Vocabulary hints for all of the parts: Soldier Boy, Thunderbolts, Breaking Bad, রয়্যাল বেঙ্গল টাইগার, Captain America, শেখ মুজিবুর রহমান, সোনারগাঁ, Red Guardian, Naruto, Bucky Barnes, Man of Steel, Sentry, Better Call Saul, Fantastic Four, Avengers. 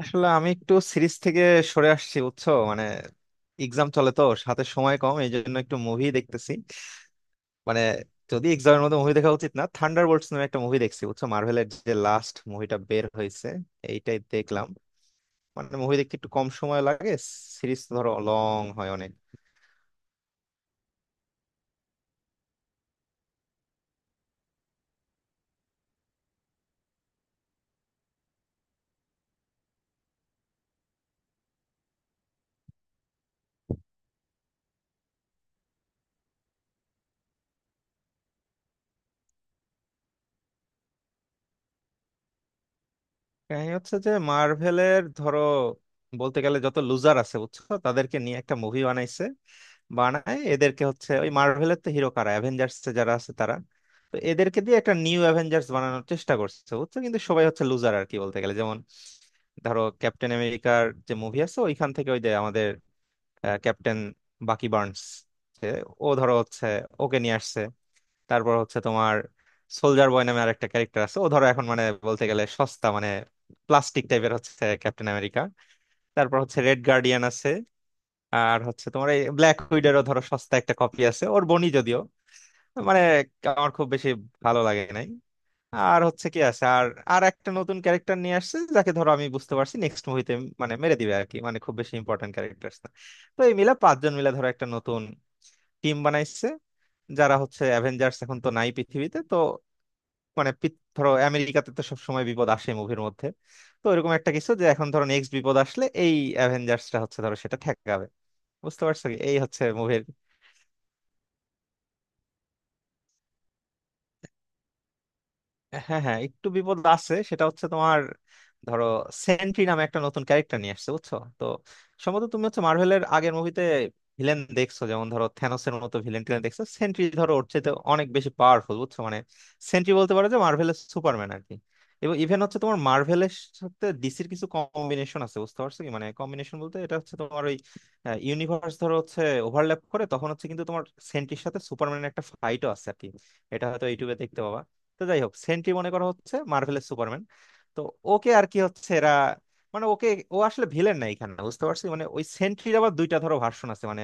আসলে আমি একটু সিরিজ থেকে সরে আসছি, বুঝছো? মানে এক্সাম চলে, তো সাথে সময় কম, এই জন্য একটু মুভি দেখতেছি। মানে যদি এক্সামের মধ্যে মুভি দেখা উচিত না। থান্ডারবোল্টস নামে একটা মুভি দেখছি, বুঝছো, মার্ভেলের যে লাস্ট মুভিটা বের হয়েছে এইটাই দেখলাম। মানে মুভি দেখতে একটু কম সময় লাগে, সিরিজ ধরো লং হয় অনেক। কাহিনী হচ্ছে যে মার্ভেলের, ধরো বলতে গেলে যত লুজার আছে বুঝছো তাদেরকে নিয়ে একটা মুভি বানাইছে। বানায়, এদেরকে হচ্ছে ওই মার্ভেলের তো হিরো কারা, অ্যাভেঞ্জার্স যারা আছে তারা। তো এদেরকে দিয়ে একটা নিউ অ্যাভেঞ্জার্স বানানোর চেষ্টা করছে, বুঝছো, কিন্তু সবাই হচ্ছে লুজার আর কি। বলতে গেলে যেমন ধরো ক্যাপ্টেন আমেরিকার যে মুভি আছে ওইখান থেকে ওই যে আমাদের ক্যাপ্টেন বাকি বার্নস যে, ও ধরো হচ্ছে, ওকে নিয়ে আসছে। তারপর হচ্ছে তোমার সোলজার বয় নামে আরেকটা ক্যারেক্টার আছে, ও ধরো এখন মানে বলতে গেলে সস্তা, মানে প্লাস্টিক টাইপের হচ্ছে ক্যাপ্টেন আমেরিকা। তারপর হচ্ছে রেড গার্ডিয়ান আছে, আর হচ্ছে তোমার এই ব্ল্যাক উইডারও ধরো সস্তা একটা কপি আছে ওর বনি যদিও। মানে আমার খুব বেশি ভালো লাগে নাই। আর হচ্ছে কি আছে, আর আর একটা নতুন ক্যারেক্টার নিয়ে আসছে যাকে ধরো আমি বুঝতে পারছি নেক্সট মুভিতে মানে মেরে দিবে আর কি, মানে খুব বেশি ইম্পর্টেন্ট ক্যারেক্টার না। তো এই মিলা পাঁচজন মিলে ধরো একটা নতুন টিম বানাইছে, যারা হচ্ছে অ্যাভেঞ্জার্স এখন তো নাই পৃথিবীতে তো। মানে ধরো আমেরিকাতে তো সবসময় বিপদ আসে মুভির মধ্যে, তো এরকম একটা কিছু যে এখন ধরো নেক্সট বিপদ আসলে এই অ্যাভেঞ্জার্সটা হচ্ছে ধরো সেটা ঠেকাবে। বুঝতে পারছো কি? এই হচ্ছে মুভির। হ্যাঁ হ্যাঁ একটু বিপদ আছে, সেটা হচ্ছে তোমার ধরো সেন্ট্রি নামে একটা নতুন ক্যারেক্টার নিয়ে আসছে, বুঝছো তো। সম্ভবত তুমি হচ্ছে মার্ভেলের আগের মুভিতে ভিলেন দেখছো, যেমন ধরো থ্যানোসের মতো ভিলেন টিলেন দেখছো, সেন্ট্রি ধরো ওর চাইতে অনেক বেশি পাওয়ারফুল, বুঝছো মানে। সেন্ট্রি বলতে পারো যে মার্ভেলের সুপারম্যান আর কি। এবং ইভেন হচ্ছে তোমার মার্ভেলের সাথে ডিসির কিছু কম্বিনেশন আছে, বুঝতে পারছো কি, মানে কম্বিনেশন বলতে এটা হচ্ছে তোমার ওই ইউনিভার্স ধরো হচ্ছে ওভারল্যাপ করে, তখন হচ্ছে কিন্তু তোমার সেন্ট্রির সাথে সুপারম্যানের একটা ফাইটও আছে আর কি। এটা হয়তো ইউটিউবে দেখতে পাবা। তো যাই হোক সেন্ট্রি মনে করা হচ্ছে মার্ভেলের সুপারম্যান। তো ওকে আর কি হচ্ছে এরা, মানে ওকে, ও আসলে ভিলেন না এখানে বুঝতে পারছি। মানে ওই সেন্ট্রির আবার দুইটা ধরো ভার্সন আছে মানে।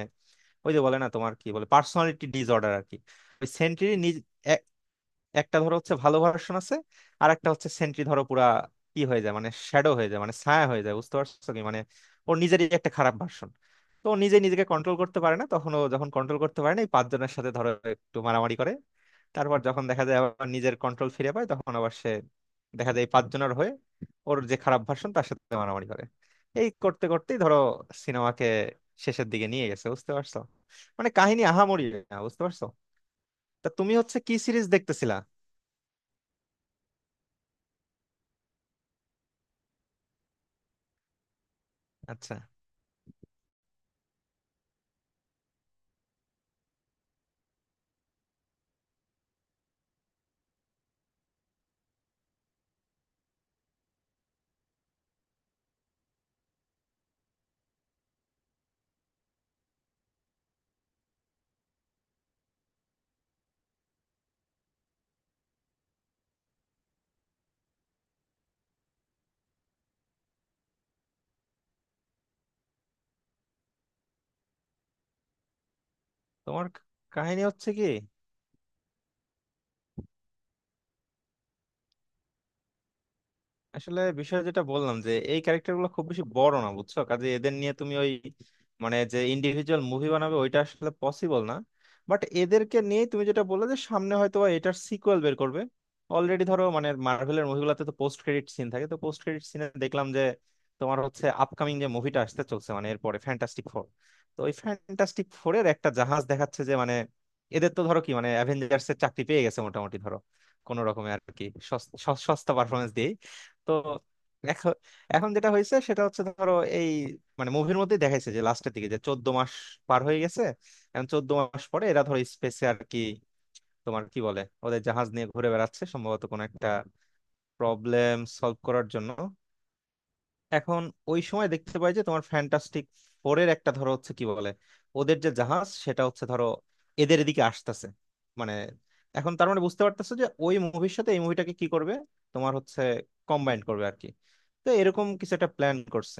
ওই যে বলে না তোমার কি বলে, পার্সোনালিটি ডিসঅর্ডার আর কি। ওই সেন্ট্রির নিজ এক- একটা ধরো হচ্ছে ভালো ভার্সন আছে, আর একটা হচ্ছে সেন্ট্রি ধরো পুরা কি হয়ে যায় মানে শ্যাডো হয়ে যায়, মানে ছায়া হয়ে যায়, বুঝতে পারছো কি মানে। ওর নিজেরই একটা খারাপ ভার্সন। তো ও নিজে নিজেকে কন্ট্রোল করতে পারে না, তখন ও যখন কন্ট্রোল করতে পারে না এই পাঁচজনের সাথে ধরো একটু মারামারি করে। তারপর যখন দেখা যায় আবার নিজের কন্ট্রোল ফিরে পায়, তখন আবার সে দেখা যায় এই পাঁচজনের হয়ে ওর যে খারাপ ভার্সন তার সাথে মারামারি করে। এই করতে করতেই ধরো সিনেমাকে শেষের দিকে নিয়ে গেছে, বুঝতে পারছো? মানে কাহিনী আহামরি না, বুঝতে পারছো। তা তুমি হচ্ছে কি সিরিজ দেখতেছিলা? আচ্ছা, তোমার কাহিনী হচ্ছে কি? আসলে বিষয় যেটা বললাম যে এই ক্যারেক্টার গুলো খুব বেশি বড় না, বুঝছো, কাজে এদের নিয়ে তুমি ওই মানে যে ইন্ডিভিজুয়াল মুভি বানাবে ওইটা আসলে পসিবল না। বাট এদেরকে নিয়ে তুমি যেটা বললে যে সামনে হয়তো বা এটার সিকুয়েল বের করবে, অলরেডি ধরো মানে মার্ভেলের মুভিগুলোতে তো পোস্ট ক্রেডিট সিন থাকে, তো পোস্ট ক্রেডিট সিনে দেখলাম যে তোমার হচ্ছে আপকামিং যে মুভিটা আসতে চলছে, মানে এরপরে ফ্যান্টাস্টিক ফোর। তো ওই ফ্যান্টাস্টিক ফোরের একটা জাহাজ দেখাচ্ছে, যে মানে এদের তো ধরো কি মানে অ্যাভেঞ্জার্স এর চাকরি পেয়ে গেছে মোটামুটি ধরো, কোনো রকমে আর কি সস্তা পারফরমেন্স দিয়ে। তো এখন, যেটা হয়েছে সেটা হচ্ছে ধরো এই মানে মুভির মধ্যে দেখাইছে যে লাস্টের দিকে যে 14 মাস পার হয়ে গেছে। এখন 14 মাস পরে এরা ধরো স্পেসে আর কি তোমার কি বলে ওদের জাহাজ নিয়ে ঘুরে বেড়াচ্ছে সম্ভবত কোনো একটা প্রবলেম সলভ করার জন্য। এখন ওই সময় দেখতে পাই যে তোমার ফ্যান্টাস্টিক ফোরের একটা ধরো হচ্ছে কি বলে ওদের যে জাহাজ সেটা হচ্ছে ধরো এদের এদিকে আসতেছে মানে। এখন তার মানে বুঝতে পারতেছে যে ওই মুভির সাথে এই মুভিটাকে কি করবে, তোমার হচ্ছে কম্বাইন করবে আর কি। তো এরকম কিছু একটা প্ল্যান করছে।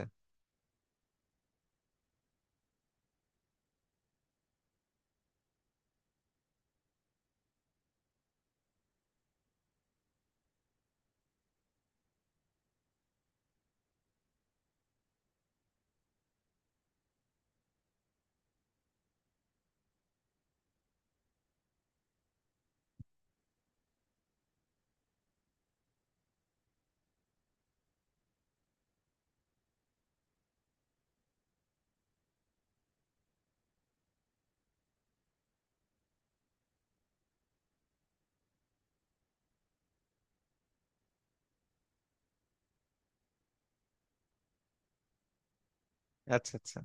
আচ্ছা, আচ্ছা,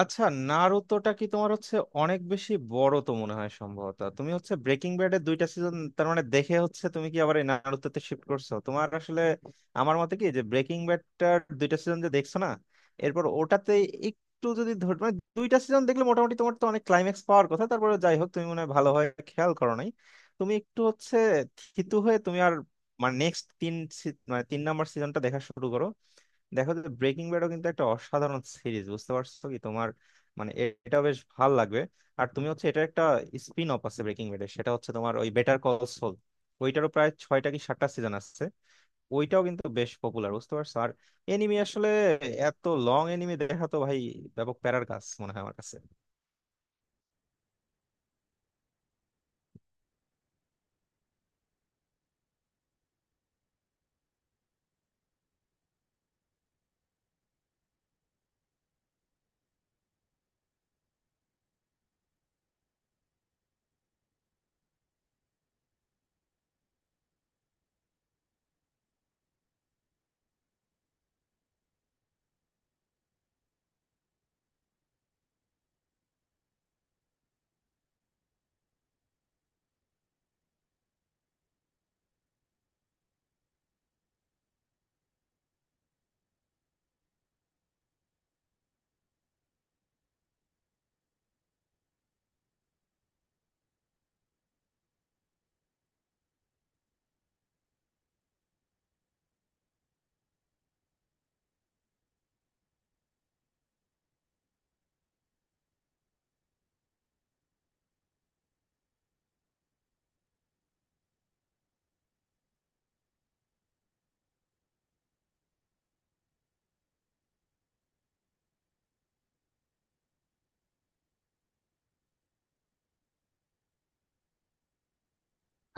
আচ্ছা। নারুতোটা কি তোমার হচ্ছে অনেক বেশি বড় তো মনে হয়। সম্ভবত তুমি হচ্ছে ব্রেকিং ব্যাডের দুইটা সিজন তার মানে দেখে হচ্ছে তুমি কি আবার এই নারুতোতে শিফট করছো তোমার? আসলে আমার মতে কি যে ব্রেকিং ব্যাডটার দুইটা সিজন যে দেখছো না এরপর ওটাতে একটু যদি ধর মানে দুইটা সিজন দেখলে মোটামুটি তোমার তো অনেক ক্লাইম্যাক্স পাওয়ার কথা। তারপরে যাই হোক তুমি মনে হয় ভালোভাবে খেয়াল করো নাই। তুমি একটু হচ্ছে থিতু হয়ে তুমি আর মানে নেক্সট তিন, মানে তিন নাম্বার সিজনটা দেখা শুরু করো। দেখো যে ব্রেকিং ব্যাডও কিন্তু একটা অসাধারণ সিরিজ, বুঝতে পারছো কি তোমার, মানে এটা বেশ ভাল লাগবে। আর তুমি হচ্ছে এটা একটা স্পিন অফ আছে ব্রেকিং ব্যাডের, সেটা হচ্ছে তোমার ওই বেটার কল সল। ওইটারও প্রায় ছয়টা কি সাতটা সিজন আছে। ওইটাও কিন্তু বেশ পপুলার, বুঝতে পারছো। আর এনিমি আসলে এত লং এনিমি দেখা তো ভাই ব্যাপক প্যারার কাজ মনে হয় আমার কাছে।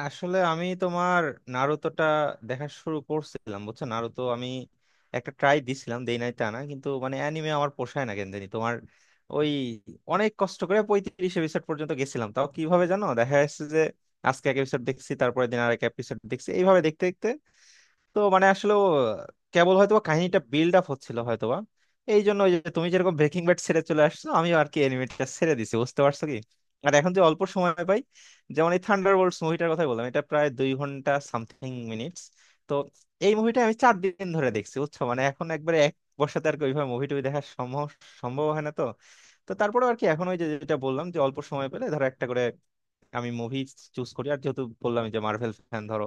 আসলে আমি তোমার নারুতোটা দেখা শুরু করছিলাম, বুঝছো, নারুতো আমি একটা ট্রাই দিছিলাম, দেই নাই তা না, কিন্তু মানে অ্যানিমে আমার পোষায় না কেন জানি তোমার। ওই অনেক কষ্ট করে 35 এপিসোড পর্যন্ত গেছিলাম, তাও কিভাবে জানো, দেখা যাচ্ছে যে আজকে এক এপিসোড দেখছি, তারপরে দিন আর এক এপিসোড দেখছি, এইভাবে দেখতে দেখতে। তো মানে আসলে ও কেবল হয়তো বা কাহিনীটা বিল্ড আপ হচ্ছিল হয়তোবা, এই জন্য ওই যে তুমি যেরকম ব্রেকিং ব্যাড ছেড়ে চলে আসছো আমি আর কি এনিমেটটা ছেড়ে দিছি, বুঝতে পারছো কি। আর এখন যে অল্প সময় পাই, যেমন এই থান্ডার বোল্টস মুভিটার কথা বললাম, এটা প্রায় 2 ঘন্টা সামথিং মিনিটস। তো এই মুভিটা আমি 4 দিন ধরে দেখছি, বুঝছো। মানে এখন একবারে এক বসাতে আর কি ওইভাবে মুভি টুভি দেখা সম্ভব, হয় না তো। তো তারপরে আর কি এখন ওই যে যেটা বললাম যে অল্প সময় পেলে ধরো একটা করে আমি মুভি চুজ করি। আর যেহেতু বললাম যে মার্ভেল ফ্যান ধরো,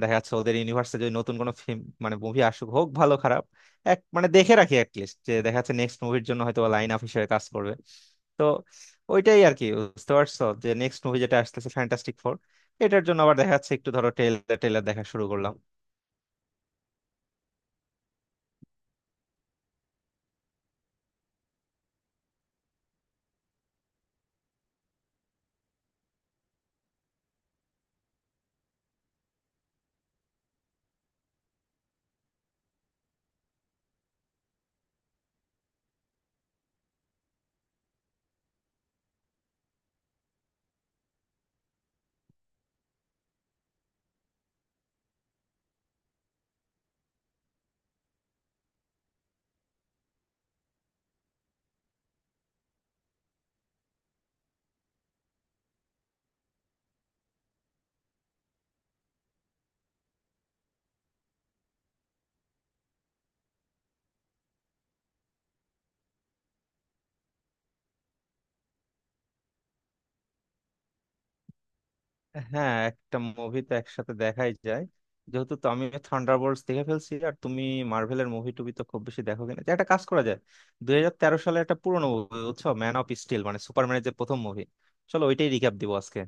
দেখা যাচ্ছে ওদের ইউনিভার্সে যদি নতুন কোনো ফিল্ম মানে মুভি আসুক, হোক ভালো খারাপ, এক মানে দেখে রাখি অ্যাটলিস্ট, যে দেখা যাচ্ছে নেক্সট মুভির জন্য হয়তো লাইন আপ হিসেবে কাজ করবে। তো ওইটাই আর কি, বুঝতে পারছো, যে নেক্সট মুভি যেটা আসতেছে ফ্যান্টাস্টিক ফোর, এটার জন্য আবার দেখা যাচ্ছে একটু ধরো ট্রেলার টেলার দেখা শুরু করলাম। হ্যাঁ একটা মুভি তো একসাথে দেখাই যায়। যেহেতু তো আমি থান্ডারবোল্টস দেখে ফেলছি আর তুমি মার্ভেলের মুভি টুবি তো খুব বেশি দেখো কিনা, যে একটা কাজ করা যায়, 2013 সালে একটা পুরনো মুভি বুঝছো, ম্যান অফ স্টিল, মানে সুপারম্যানের যে প্রথম মুভি, চলো ওইটাই রিক্যাপ দিব আজকে।